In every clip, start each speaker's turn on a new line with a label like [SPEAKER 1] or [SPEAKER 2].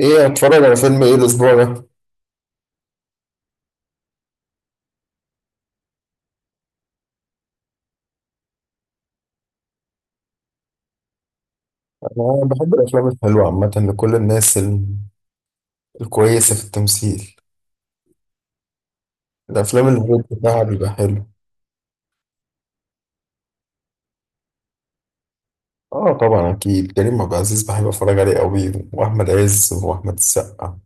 [SPEAKER 1] ايه اتفرج على فيلم ايه الاسبوع ده؟ انا بحب الافلام الحلوه عامه لكل الناس الكويسه في التمثيل. الافلام اللي الريت بتاعها بيبقى حلو. اه، طبعا اكيد كريم عبد العزيز بحب اتفرج عليه قوي، واحمد عز واحمد السقا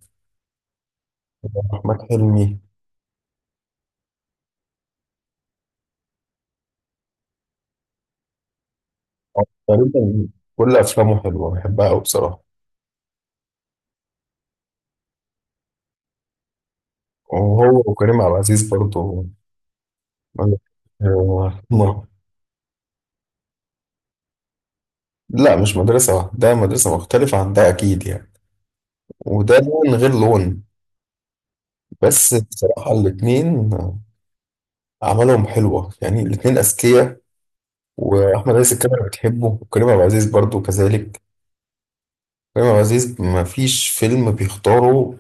[SPEAKER 1] واحمد حلمي. تقريبا كل افلامه حلوه بحبها قوي بصراحه. وهو وكريم عبد العزيز برضه. آه، ما- لا، مش مدرسه واحده، ده مدرسه مختلفه عن ده اكيد يعني. وده لون غير لون. بس بصراحة الاتنين أعمالهم حلوة، يعني الاتنين أذكياء. وأحمد عز الكاميرا بتحبه، وكريم عبد العزيز برضه كذلك. كريم عبد العزيز ما فيش فيلم بيختاره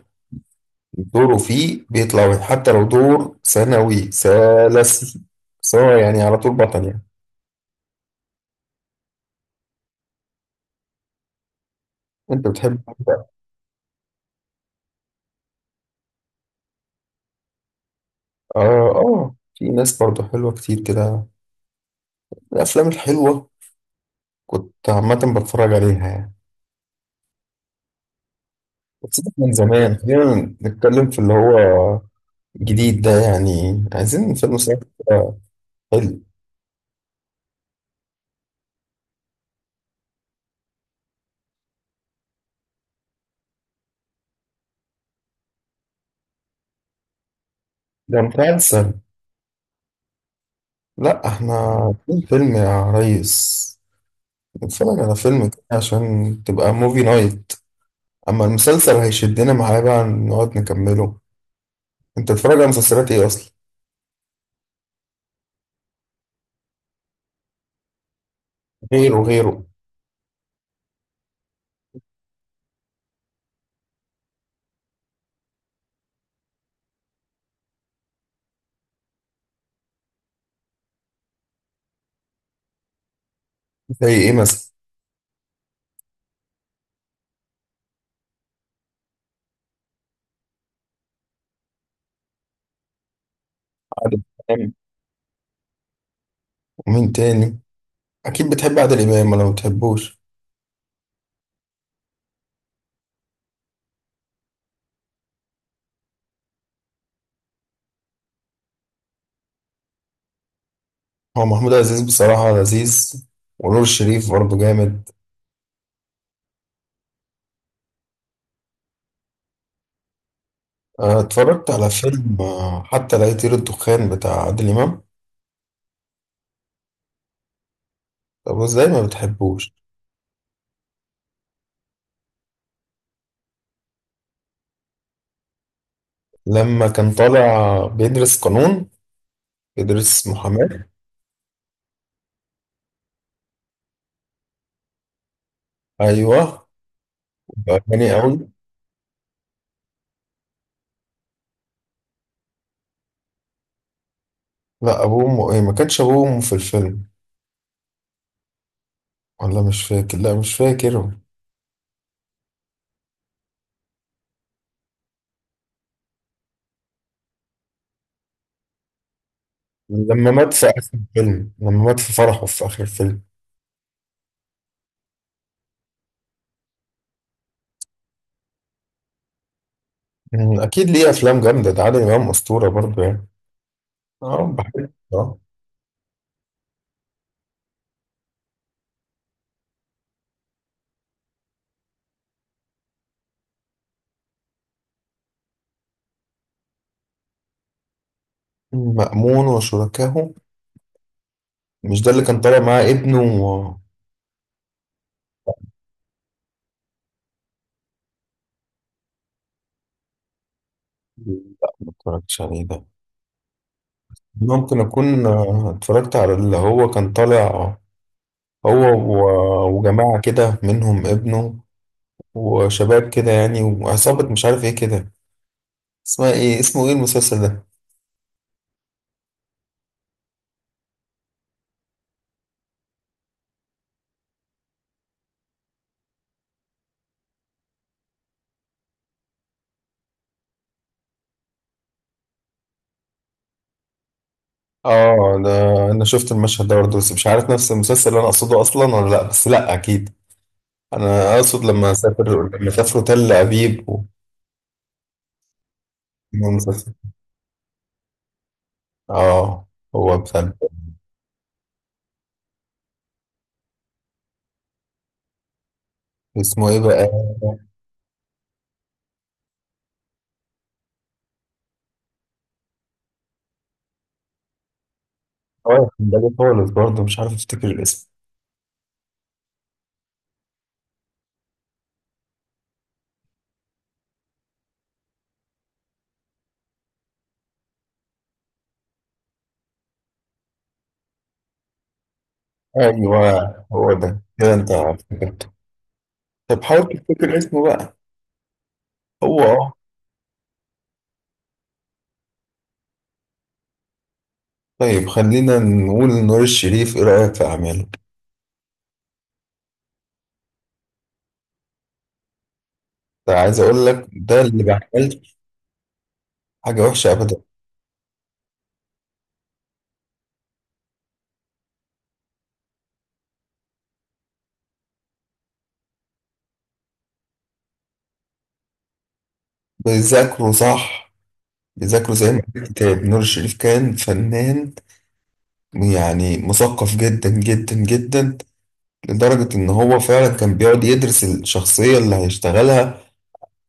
[SPEAKER 1] دوره فيه بيطلع وحش، حتى لو دور ثانوي ثالثي، سواء يعني على طول بطل يعني. أنت بتحب؟ آه. آه، في ناس برضه حلوة كتير كده، الأفلام الحلوة كنت عامة بتفرج عليها يعني. بس ده من زمان، خلينا نتكلم في اللي هو جديد ده، يعني عايزين فيلم صح حلو. ده مسلسل؟ لا، احنا في فيلم يا ريس، نتفرج على فيلم كده عشان تبقى موفي نايت. اما المسلسل هيشدنا معاه بقى نقعد نكمله. انت بتتفرج على مسلسلات ايه اصلا؟ غيره، غيره. زي ايه مثلا؟ عادل امام. ومين تاني؟ اكيد بتحب عادل امام ولا ما بتحبوش؟ هو محمود عزيز بصراحة لذيذ، ونور الشريف برضه جامد. اه، اتفرجت على فيلم حتى لا يطير الدخان بتاع عادل امام. طب ازاي ما بتحبوش؟ لما كان طالع بيدرس قانون، يدرس محاماة. أيوه. وبقى غني أوي. لا، أبوه إيه، ما كانش أبوه وأمه في الفيلم. ولا مش فاكر، لا مش فاكر. لما مات في فرحه في آخر الفيلم. أكيد ليه أفلام جامدة، ده عادل إمام أسطورة برضه يعني. أه بحب آه. مأمون وشركاه، مش ده اللي كان طالع معاه ابنه؟ لا، ما اتفرجتش عليه ده. ممكن أكون اتفرجت على اللي هو كان طالع، هو وجماعة كده منهم ابنه، وشباب كده يعني وعصابة مش عارف ايه كده. اسمه ايه المسلسل ده؟ اه ده، انا شفت المشهد ده برضه، بس مش عارف نفس المسلسل اللي انا اقصده اصلا ولا لا، بس لا اكيد، انا اقصد لما سافروا تل ابيب. المسلسل، اه، هو مثلا، اسمه ايه بقى؟ اه، كان بالي خالص برضه، مش عارف افتكر الاسم. ايوه، هو ده كده، انت افتكرته. طب حاول تفتكر اسمه بقى. هو اه. طيب خلينا نقول نور الشريف، ايه رأيك في اعماله؟ ده عايز اقول لك ده اللي بيعمل حاجه وحشه ابدا. بيذاكروا صح، بيذاكروا زي ما قال الكتاب، نور الشريف كان فنان، يعني مثقف جدا جدا جدا، لدرجه ان هو فعلا كان بيقعد يدرس الشخصيه اللي هيشتغلها،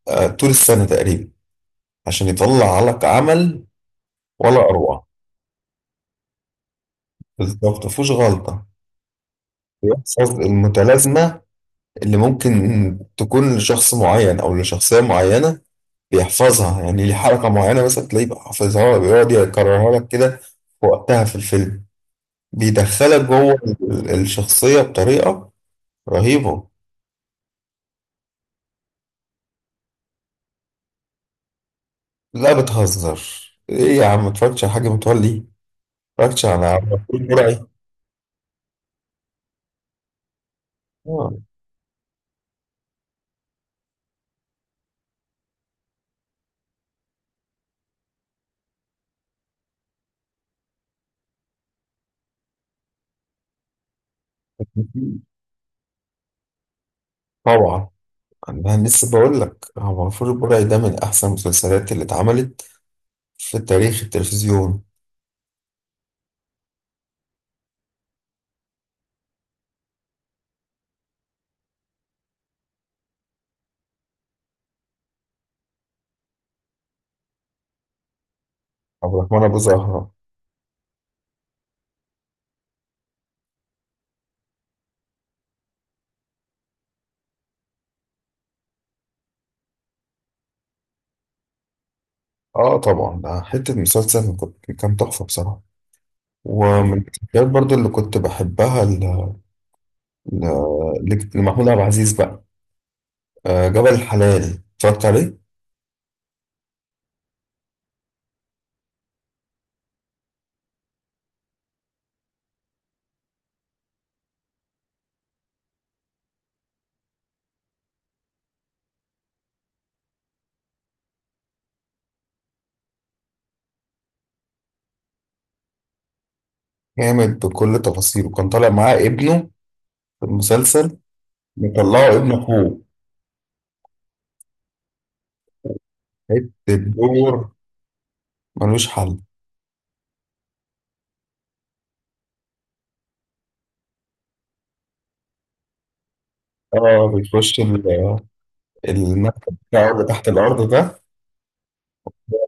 [SPEAKER 1] طول السنه تقريبا، عشان يطلع لك عمل ولا اروع. بالظبط مفيهوش غلطه. بيحفظ المتلازمه اللي ممكن تكون لشخص معين او لشخصيه معينه، بيحفظها، يعني ليه حركة معينة مثلا تلاقيه بقى حافظها بيقعد يكررها لك كده في وقتها في الفيلم، بيدخلك جوه الشخصية بطريقة رهيبة. لا، بتهزر. ايه يا عم، متفرجتش على حاجة متولي؟ متفرجتش على مغفور البرعي؟ آه، طبعا، انا لسه بقول لك، هو مغفور البرعي ده من احسن المسلسلات اللي اتعملت في تاريخ التلفزيون. عبد الرحمن ابو زهرة. اه طبعا، ده حتة مسلسل، كان تحفة بصراحة. ومن الحاجات برضو اللي كنت بحبها لمحمود عبد العزيز بقى، جبل الحلال، اتفرجت عليه. جامد بكل تفاصيله، كان طالع معاه ابنه في المسلسل، مطلعه ابن اخوه. حتة دور ملوش حل. اه، بيخش المكتب بتاعه اللي تحت الارض ده،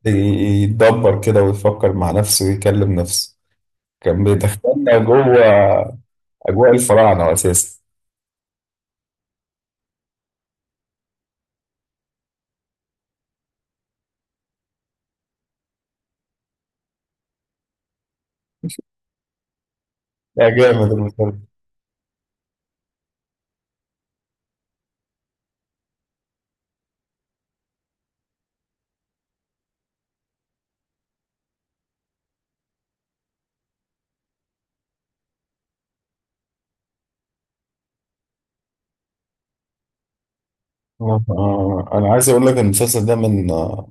[SPEAKER 1] يتدبر كده ويفكر مع نفسه ويكلم نفسه، كان بيدخلنا جوه اجواء الفراعنه اساسا. لا، جامد المسلسل. انا عايز اقول لك إن المسلسل ده من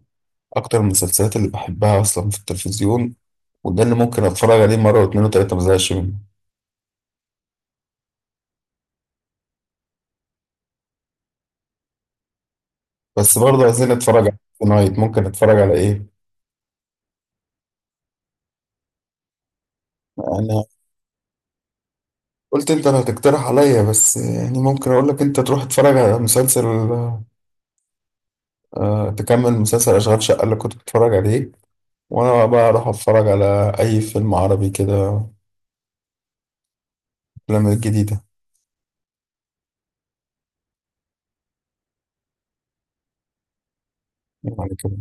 [SPEAKER 1] اكتر المسلسلات اللي بحبها اصلا في التلفزيون، وده اللي ممكن اتفرج عليه مره واتنين وتلاته، ما زهقش منه. بس برضه عايزين نتفرج على نايت، ممكن اتفرج على ايه؟ انا قلت انت اللي هتقترح عليا، بس يعني ممكن اقول لك انت تروح تتفرج على مسلسل، تكمل مسلسل اشغال شقه اللي كنت بتتفرج عليه، وانا بقى اروح اتفرج على اي فيلم عربي كده، الافلام الجديده. يعني كده.